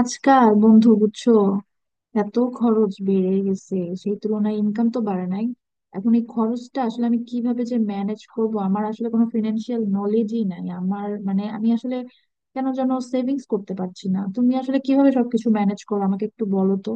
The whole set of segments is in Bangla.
আজকাল বন্ধু বুঝছো, এত খরচ বেড়ে গেছে। সেই তুলনায় ইনকাম তো বাড়ে নাই। এখন এই খরচটা আসলে আমি কিভাবে যে ম্যানেজ করব! আমার আসলে কোনো ফিনান্সিয়াল নলেজই নাই। আমার মানে আমি আসলে কেন যেন সেভিংস করতে পারছি না। তুমি আসলে কিভাবে সবকিছু ম্যানেজ করো, আমাকে একটু বলো তো।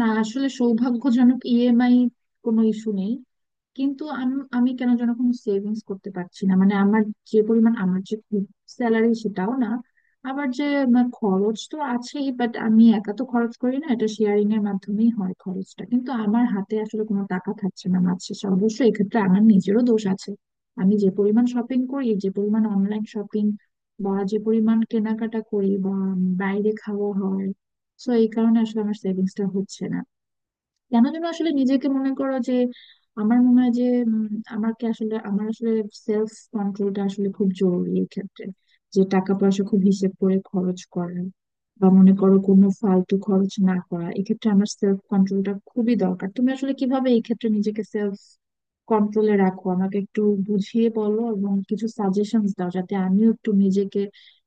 না, আসলে সৌভাগ্যজনক ইএমআই কোনো ইস্যু নেই। কিন্তু আমি আমি কেন যেন কোনো সেভিংস করতে পারছি না। মানে আমার যে পরিমাণ আমার যে স্যালারি, সেটাও না। আবার যে আমার খরচ তো আছেই, বাট আমি একা তো খরচ করি না, এটা শেয়ারিং এর মাধ্যমেই হয় খরচটা, কিন্তু আমার হাতে আসলে কোনো টাকা থাকছে না মাস শেষে। অবশ্য এক্ষেত্রে আমার নিজেরও দোষ আছে। আমি যে পরিমাণ শপিং করি, যে পরিমাণ অনলাইন শপিং বা যে পরিমাণ কেনাকাটা করি, বা বাইরে খাওয়া হয়, তো এই কারণে আসলে আমার সেভিংসটা হচ্ছে না। কেন যেন আসলে নিজেকে মনে করো যে, আমার মনে হয় যে উম, আমাকে আসলে আমার আসলে সেলফ কন্ট্রোলটা আসলে খুব জরুরি এক্ষেত্রে। যে টাকা পয়সা খুব হিসেব করে খরচ করা বা মনে করো কোনো ফালতু খরচ না করা, এক্ষেত্রে আমার সেলফ কন্ট্রোলটা খুবই দরকার। তুমি আসলে কিভাবে এই ক্ষেত্রে নিজেকে সেলফ কন্ট্রোলে রাখো, আমাকে একটু বুঝিয়ে বলো এবং কিছু সাজেশনস দাও যাতে আমিও একটু নিজেকে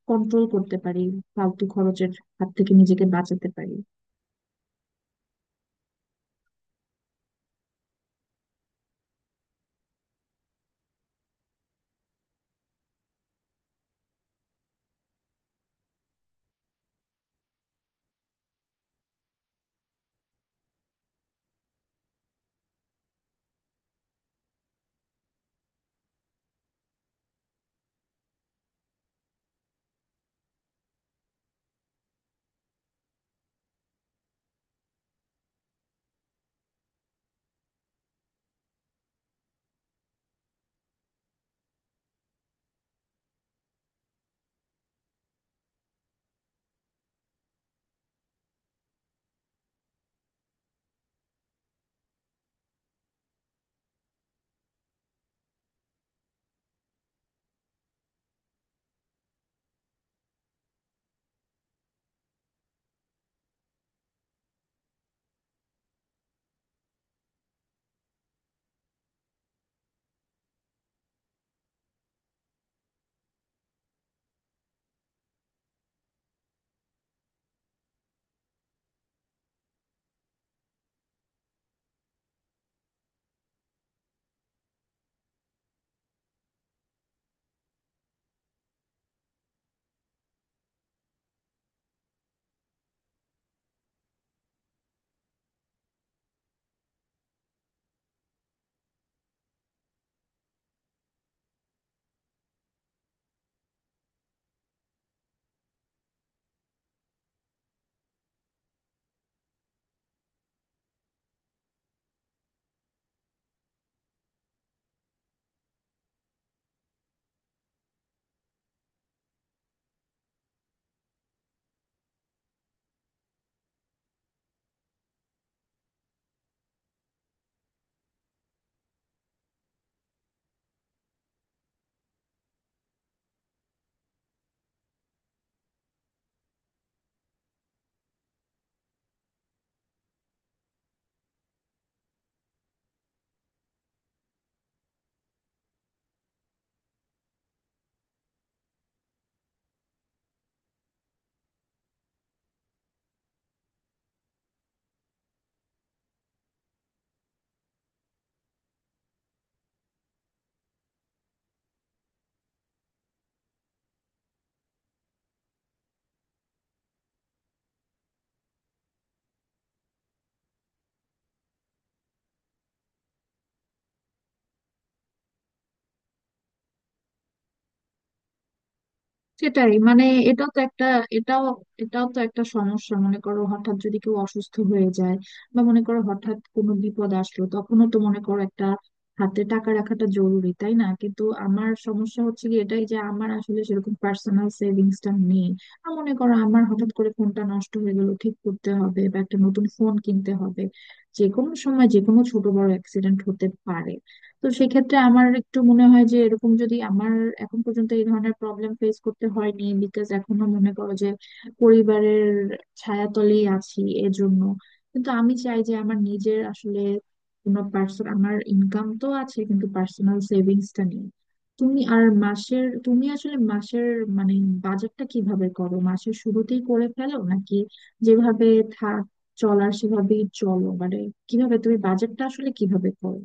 কন্ট্রোল করতে পারি, ফালতু খরচের হাত থেকে নিজেকে বাঁচাতে পারি। সেটাই মানে, এটাও তো একটা এটাও এটাও তো একটা সমস্যা। মনে করো হঠাৎ যদি কেউ অসুস্থ হয়ে যায়, বা মনে করো হঠাৎ কোনো বিপদ আসলো, তখনও তো মনে করো একটা হাতে টাকা রাখাটা জরুরি, তাই না? কিন্তু আমার সমস্যা হচ্ছে কি, এটাই যে আমার আসলে সেরকম পার্সোনাল সেভিংসটা নেই। আর মনে করো আমার হঠাৎ করে ফোনটা নষ্ট হয়ে গেল, ঠিক করতে হবে বা একটা নতুন ফোন কিনতে হবে। যে কোনো সময় যে কোনো ছোট বড় অ্যাক্সিডেন্ট হতে পারে। তো সেক্ষেত্রে আমার একটু মনে হয় যে এরকম যদি আমার এখন পর্যন্ত এই ধরনের প্রবলেম ফেস করতে হয়নি, বিকজ এখনো মনে করো যে পরিবারের ছায়াতলেই আছি এর জন্য। কিন্তু আমি চাই যে আমার নিজের আসলে কোনো পার্সন, আমার ইনকাম তো আছে কিন্তু পার্সোনাল সেভিংসটা নেই। তুমি আর মাসের, তুমি আসলে মাসের মানে বাজেটটা কিভাবে করো? মাসের শুরুতেই করে ফেলো, নাকি যেভাবে থাক চলার সেভাবেই চলো? মানে কিভাবে তুমি বাজেটটা আসলে কিভাবে করো?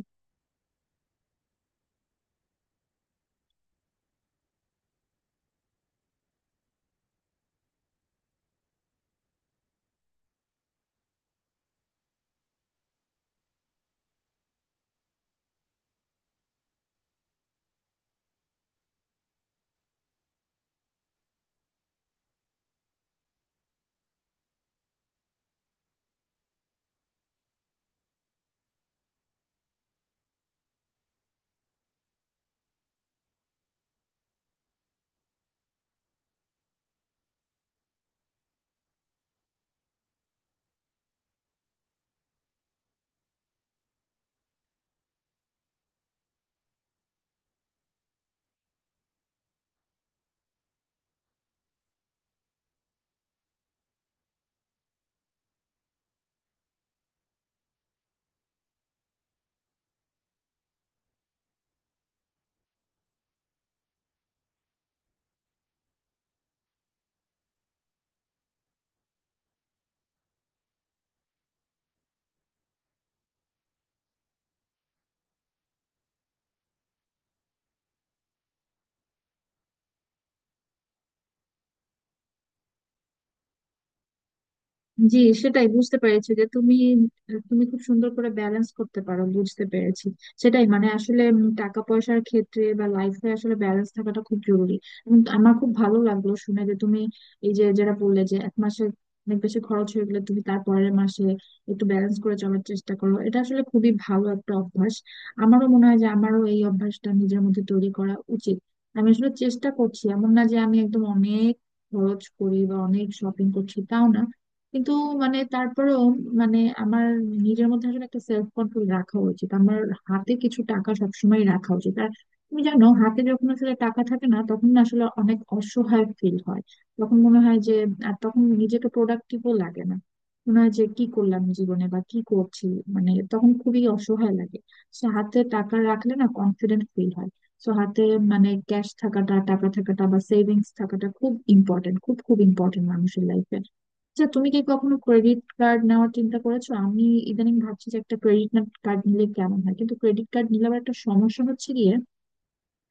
জি। সেটাই, বুঝতে পেরেছি যে তুমি তুমি খুব সুন্দর করে ব্যালেন্স করতে পারো, বুঝতে পেরেছি। সেটাই, মানে আসলে উম টাকা পয়সার ক্ষেত্রে বা লাইফে আসলে ব্যালেন্স থাকাটা খুব জরুরি। এবং আমার খুব ভালো লাগলো শুনে যে তুমি এই যে যেটা বললে যে এক মাসে অনেক বেশি খরচ হয়ে গেলে তুমি তার পরের মাসে একটু ব্যালেন্স করে চলার চেষ্টা করো, এটা আসলে খুবই ভালো একটা অভ্যাস। আমারও মনে হয় যে আমারও এই অভ্যাসটা নিজের মধ্যে তৈরি করা উচিত। আমি আসলে চেষ্টা করছি, এমন না যে আমি একদম অনেক খরচ করি বা অনেক শপিং করছি, তাও না। কিন্তু মানে তারপরেও, মানে আমার নিজের মধ্যে আসলে একটা সেলফ কন্ট্রোল রাখা উচিত, আমার হাতে কিছু টাকা সবসময় রাখা উচিত। আর তুমি জানো, হাতে যখন আসলে টাকা থাকে না তখন না আসলে অনেক অসহায় ফিল হয়। তখন মনে হয় যে আর তখন নিজেকে প্রোডাক্টিভও লাগে না, মনে হয় যে কি করলাম জীবনে বা কি করছি, মানে তখন খুবই অসহায় লাগে। সো হাতে টাকা রাখলে না কনফিডেন্ট ফিল হয়। সো হাতে মানে ক্যাশ থাকাটা, টাকা থাকাটা বা সেভিংস থাকাটা খুব ইম্পর্টেন্ট, খুব খুব ইম্পর্টেন্ট মানুষের লাইফে। আচ্ছা, তুমি কি কখনো ক্রেডিট কার্ড নেওয়ার চিন্তা করেছো? আমি ইদানিং ভাবছি যে একটা ক্রেডিট কার্ড নিলে কেমন হয়। কিন্তু ক্রেডিট কার্ড নিলে আবার একটা সমস্যা হচ্ছে গিয়ে,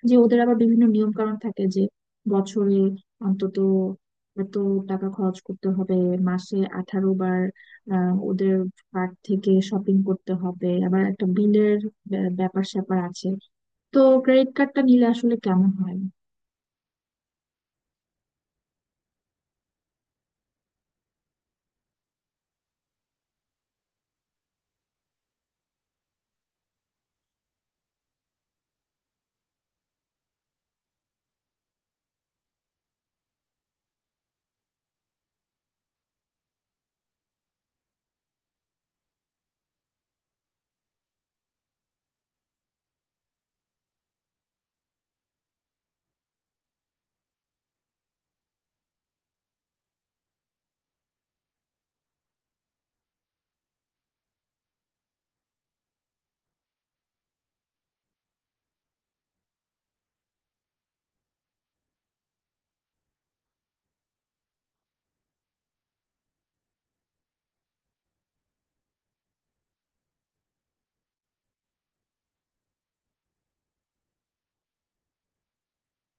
যে ওদের আবার বিভিন্ন নিয়ম কানুন থাকে যে বছরে অন্তত এত টাকা খরচ করতে হবে, মাসে 18 বার ওদের কার্ড থেকে শপিং করতে হবে, আবার একটা বিলের ব্যাপার স্যাপার আছে। তো ক্রেডিট কার্ডটা নিলে আসলে কেমন হয়?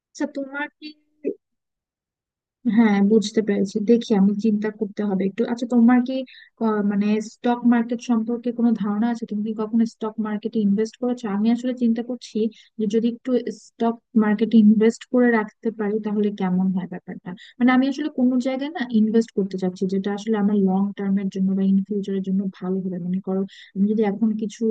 আচ্ছা তোমার কি, হ্যাঁ বুঝতে পেরেছি, দেখি আমি চিন্তা করতে হবে একটু। আচ্ছা তোমার কি মানে স্টক মার্কেট সম্পর্কে কোনো ধারণা আছে? তুমি কি কখনো স্টক মার্কেটে ইনভেস্ট করেছো? আমি আসলে চিন্তা করছি যে যদি একটু স্টক মার্কেটে ইনভেস্ট করে রাখতে পারি তাহলে কেমন হয় ব্যাপারটা। মানে আমি আসলে কোনো জায়গায় না ইনভেস্ট করতে চাচ্ছি যেটা আসলে আমার লং টার্মের জন্য বা ইন ফিউচারের জন্য ভালো হবে। মনে করো আমি যদি এখন কিছু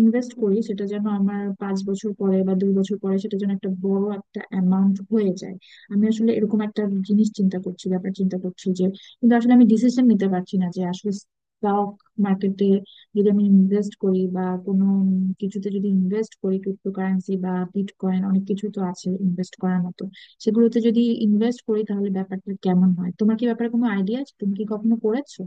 ইনভেস্ট করি, সেটা যেন আমার 5 বছর পরে বা 2 বছর পরে সেটা যেন একটা বড় একটা অ্যামাউন্ট হয়ে যায়। আমি আসলে এরকম একটা জিনিস চিন্তা করছি, ব্যাপার চিন্তা করছি যে, কিন্তু আসলে আমি ডিসিশন নিতে পারছি না যে আসলে স্টক মার্কেটে যদি আমি ইনভেস্ট করি বা কোনো উম কিছুতে যদি ইনভেস্ট করি, ক্রিপ্টোকারেন্সি বা বিটকয়েন, অনেক কিছু তো আছে ইনভেস্ট করার মতো। সেগুলোতে যদি ইনভেস্ট করি তাহলে ব্যাপারটা কেমন হয়? তোমার কি ব্যাপারে কোনো আইডিয়া আছে? তুমি কি কখনো করেছো?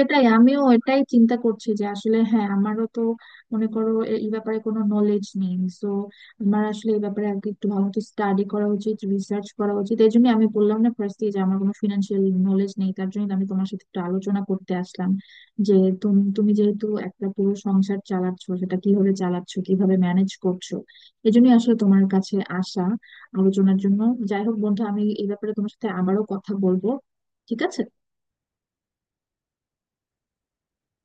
সেটাই, আমিও এটাই চিন্তা করছি যে আসলে, হ্যাঁ আমারও তো মনে করো এই ব্যাপারে কোনো নলেজ নেই। তো আমার আসলে এই ব্যাপারে আগে একটু ভালো মতো স্টাডি করা উচিত, রিসার্চ করা উচিত। এই জন্য আমি বললাম না ফার্স্ট যে আমার কোনো ফিনান্সিয়াল নলেজ নেই, তার জন্য আমি তোমার সাথে একটু আলোচনা করতে আসলাম। যে তুমি তুমি যেহেতু একটা পুরো সংসার চালাচ্ছো, সেটা কিভাবে চালাচ্ছো, কিভাবে ম্যানেজ করছো, এই জন্যই আসলে তোমার কাছে আসা আলোচনার জন্য। যাই হোক বন্ধু, আমি এই ব্যাপারে তোমার সাথে আবারও কথা বলবো, ঠিক আছে।